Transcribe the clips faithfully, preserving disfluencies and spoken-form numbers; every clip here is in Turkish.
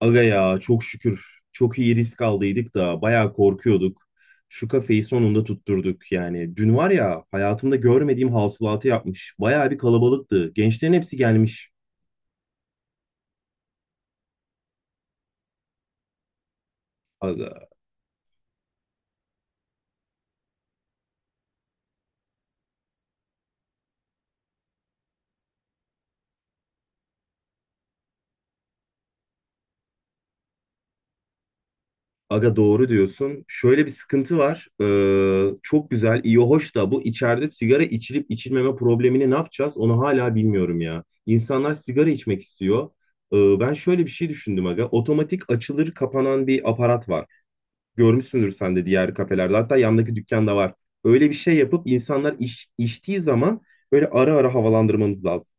Aga ya çok şükür çok iyi risk aldıydık da bayağı korkuyorduk. Şu kafeyi sonunda tutturduk yani. Dün var ya hayatımda görmediğim hasılatı yapmış. Bayağı bir kalabalıktı. Gençlerin hepsi gelmiş. Aga, aga doğru diyorsun. Şöyle bir sıkıntı var. Ee, çok güzel, iyi, hoş da bu içeride sigara içilip içilmeme problemini ne yapacağız? Onu hala bilmiyorum ya. İnsanlar sigara içmek istiyor. Ee, ben şöyle bir şey düşündüm aga. Otomatik açılır kapanan bir aparat var. Görmüşsündür sen de diğer kafelerde. Hatta yandaki dükkanda var. Öyle bir şey yapıp insanlar iş, içtiği zaman böyle ara ara havalandırmamız lazım.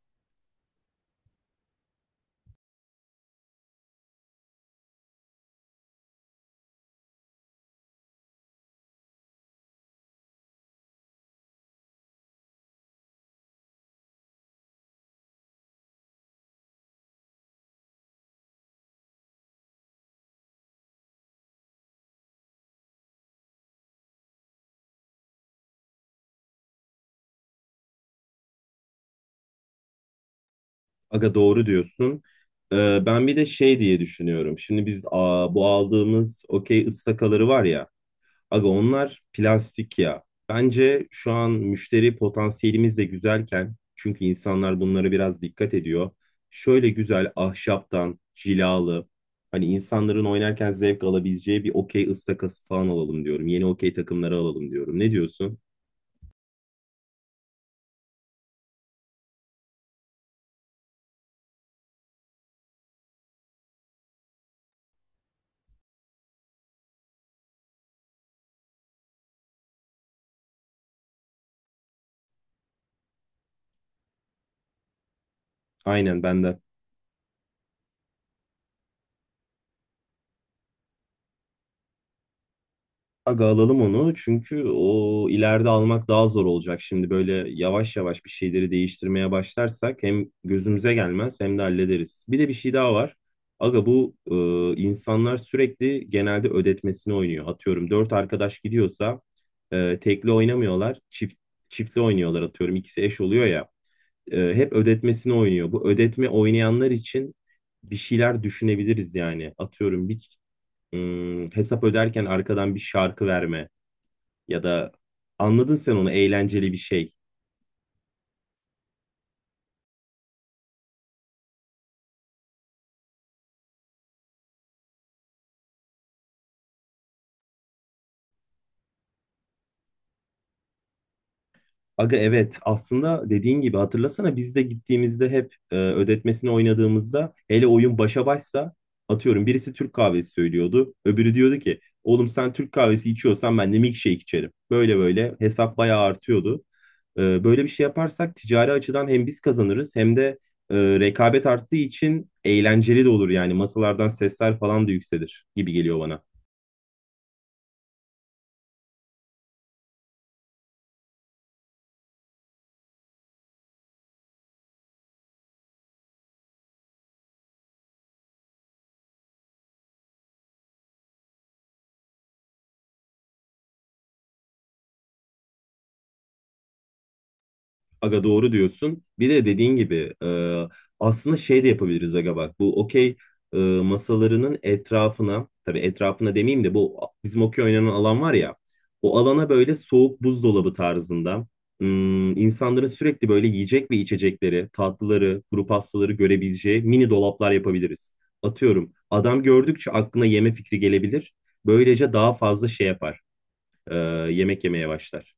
Aga doğru diyorsun. Ee, ben bir de şey diye düşünüyorum. Şimdi biz aa, bu aldığımız okey ıstakaları var ya. Aga onlar plastik ya. Bence şu an müşteri potansiyelimiz de güzelken çünkü insanlar bunlara biraz dikkat ediyor. Şöyle güzel ahşaptan cilalı hani insanların oynarken zevk alabileceği bir okey ıstakası falan alalım diyorum. Yeni okey takımları alalım diyorum. Ne diyorsun? Aynen ben de. Aga alalım onu çünkü o ileride almak daha zor olacak. Şimdi böyle yavaş yavaş bir şeyleri değiştirmeye başlarsak hem gözümüze gelmez hem de hallederiz. Bir de bir şey daha var. Aga bu e, insanlar sürekli genelde ödetmesini oynuyor. Atıyorum dört arkadaş gidiyorsa e, tekli oynamıyorlar, çift çiftli oynuyorlar atıyorum. İkisi eş oluyor ya. E, hep ödetmesini oynuyor. Bu ödetme oynayanlar için bir şeyler düşünebiliriz yani. Atıyorum bir Hmm, hesap öderken arkadan bir şarkı verme ya da anladın sen onu eğlenceli bir şey. Aga evet aslında dediğin gibi hatırlasana biz de gittiğimizde hep e, ödetmesini oynadığımızda hele oyun başa başsa atıyorum birisi Türk kahvesi söylüyordu. Öbürü diyordu ki oğlum sen Türk kahvesi içiyorsan ben de milkshake içerim. Böyle böyle hesap bayağı artıyordu. Ee, Böyle bir şey yaparsak ticari açıdan hem biz kazanırız hem de e, rekabet arttığı için eğlenceli de olur yani masalardan sesler falan da yükselir gibi geliyor bana. Aga doğru diyorsun. Bir de dediğin gibi e, aslında şey de yapabiliriz aga bak. Bu okey e, masalarının etrafına tabii etrafına demeyeyim de bu bizim okey oynanan alan var ya. O alana böyle soğuk buzdolabı tarzında hmm, insanların sürekli böyle yiyecek ve içecekleri, tatlıları, kuru pastaları görebileceği mini dolaplar yapabiliriz. Atıyorum adam gördükçe aklına yeme fikri gelebilir. Böylece daha fazla şey yapar. e, Yemek yemeye başlar.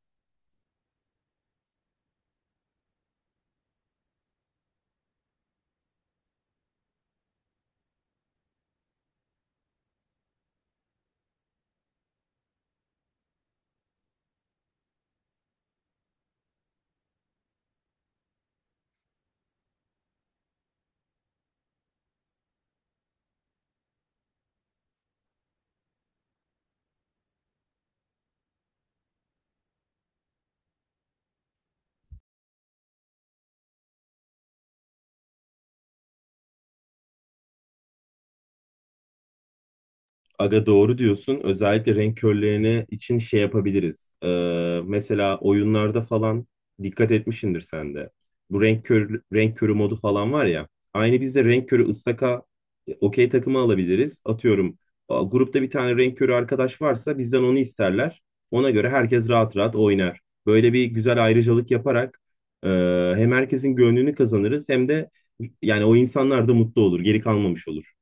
Aga doğru diyorsun. Özellikle renk körlerine için şey yapabiliriz. Ee, mesela oyunlarda falan dikkat etmişsindir sen de. Bu renk körü, renk körü modu falan var ya. Aynı biz de renk körü ıstaka e, okey takımı alabiliriz. Atıyorum a, grupta bir tane renk körü arkadaş varsa bizden onu isterler. Ona göre herkes rahat rahat oynar. Böyle bir güzel ayrıcalık yaparak e, hem herkesin gönlünü kazanırız hem de yani o insanlar da mutlu olur, geri kalmamış olur.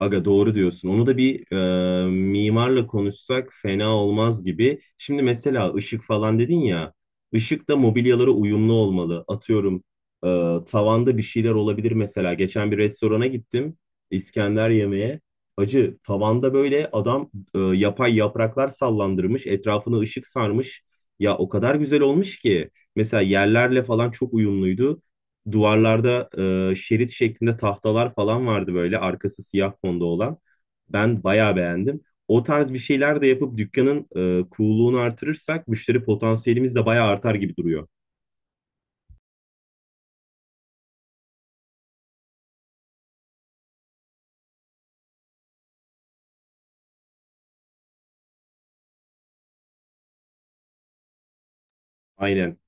Aga doğru diyorsun. Onu da bir e, mimarla konuşsak fena olmaz gibi. Şimdi mesela ışık falan dedin ya. Işık da mobilyalara uyumlu olmalı. Atıyorum e, tavanda bir şeyler olabilir mesela. Geçen bir restorana gittim. İskender yemeğe. Acı tavanda böyle adam e, yapay yapraklar sallandırmış. Etrafını ışık sarmış. Ya o kadar güzel olmuş ki. Mesela yerlerle falan çok uyumluydu. Duvarlarda e, şerit şeklinde tahtalar falan vardı böyle arkası siyah fonda olan. Ben bayağı beğendim. O tarz bir şeyler de yapıp dükkanın e, cool'luğunu artırırsak müşteri potansiyelimiz de bayağı artar gibi duruyor. Aynen.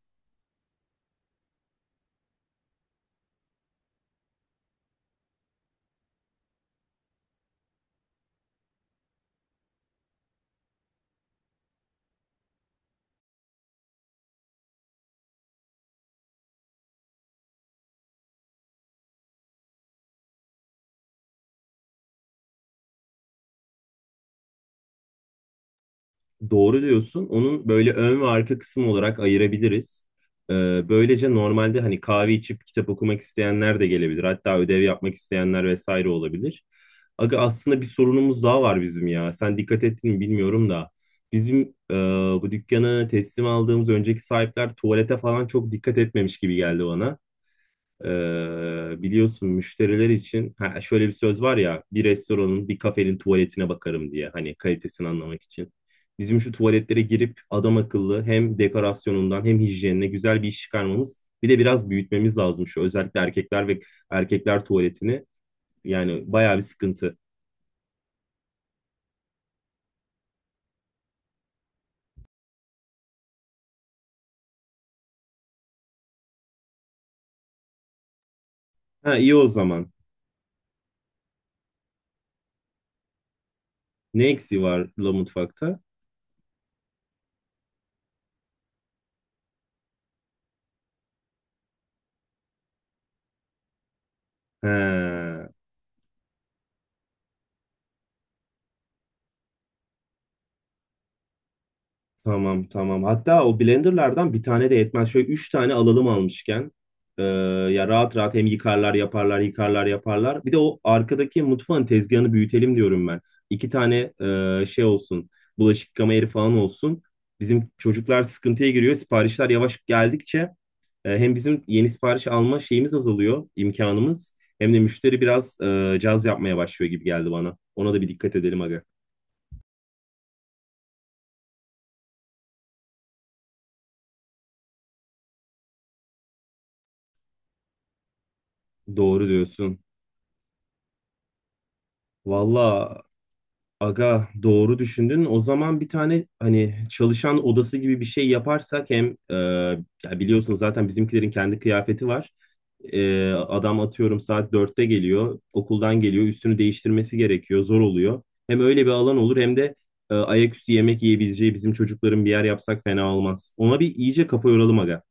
Doğru diyorsun. Onun böyle ön ve arka kısım olarak ayırabiliriz. Ee, Böylece normalde hani kahve içip kitap okumak isteyenler de gelebilir. Hatta ödev yapmak isteyenler vesaire olabilir. Aga aslında bir sorunumuz daha var bizim ya. Sen dikkat ettin mi bilmiyorum da. Bizim e, bu dükkanı teslim aldığımız önceki sahipler tuvalete falan çok dikkat etmemiş gibi geldi bana. Ee, Biliyorsun müşteriler için ha, şöyle bir söz var ya bir restoranın bir kafenin tuvaletine bakarım diye hani kalitesini anlamak için. Bizim şu tuvaletlere girip adam akıllı hem dekorasyonundan hem hijyenine güzel bir iş çıkarmamız bir de biraz büyütmemiz lazım şu özellikle erkekler ve erkekler tuvaletini yani bayağı bir sıkıntı. Ha iyi o zaman. Ne eksiği var la mutfakta? He. Tamam tamam. Hatta o blenderlardan bir tane de yetmez. Şöyle üç tane alalım almışken. Ee, Ya rahat rahat hem yıkarlar yaparlar yıkarlar yaparlar. Bir de o arkadaki mutfağın tezgahını büyütelim diyorum ben. İki tane e, şey olsun. Bulaşık yıkama yeri falan olsun. Bizim çocuklar sıkıntıya giriyor. Siparişler yavaş geldikçe e, hem bizim yeni sipariş alma şeyimiz azalıyor, imkanımız. Hem de müşteri biraz e, caz yapmaya başlıyor gibi geldi bana. Ona da bir dikkat edelim aga. Doğru diyorsun. Valla aga doğru düşündün. O zaman bir tane hani çalışan odası gibi bir şey yaparsak hem e, ya biliyorsun zaten bizimkilerin kendi kıyafeti var. E, adam atıyorum saat dörtte geliyor, okuldan geliyor, üstünü değiştirmesi gerekiyor, zor oluyor. Hem öyle bir alan olur hem de e, ayaküstü yemek yiyebileceği bizim çocukların bir yer yapsak fena olmaz. Ona bir iyice kafa yoralım aga.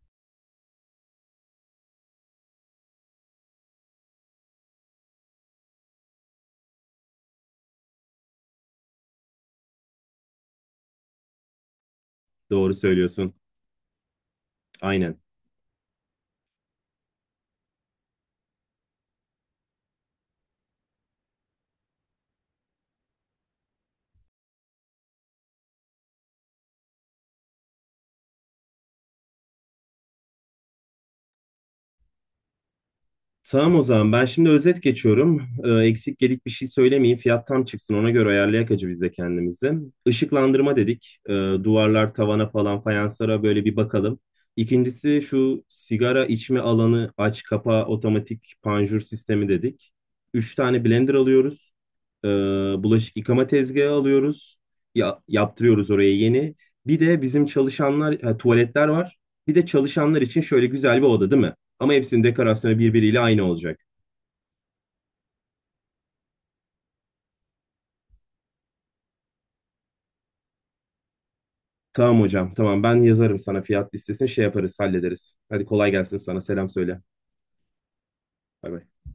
Doğru söylüyorsun. Aynen. Tamam o zaman ben şimdi özet geçiyorum. Ee, eksik gedik bir şey söylemeyeyim. Fiyat tam çıksın ona göre ayarlayak acı biz de kendimizi. Işıklandırma dedik. Ee, duvarlar, tavana falan fayanslara böyle bir bakalım. İkincisi şu sigara içme alanı aç kapa otomatik panjur sistemi dedik. Üç tane blender alıyoruz. Ee, Bulaşık yıkama tezgahı alıyoruz. Ya, yaptırıyoruz oraya yeni. Bir de bizim çalışanlar, ha, tuvaletler var. Bir de çalışanlar için şöyle güzel bir oda değil mi? Ama hepsinin dekorasyonu birbiriyle aynı olacak. Tamam hocam, tamam ben yazarım sana fiyat listesini şey yaparız, hallederiz. Hadi kolay gelsin sana, selam söyle. Bay bay.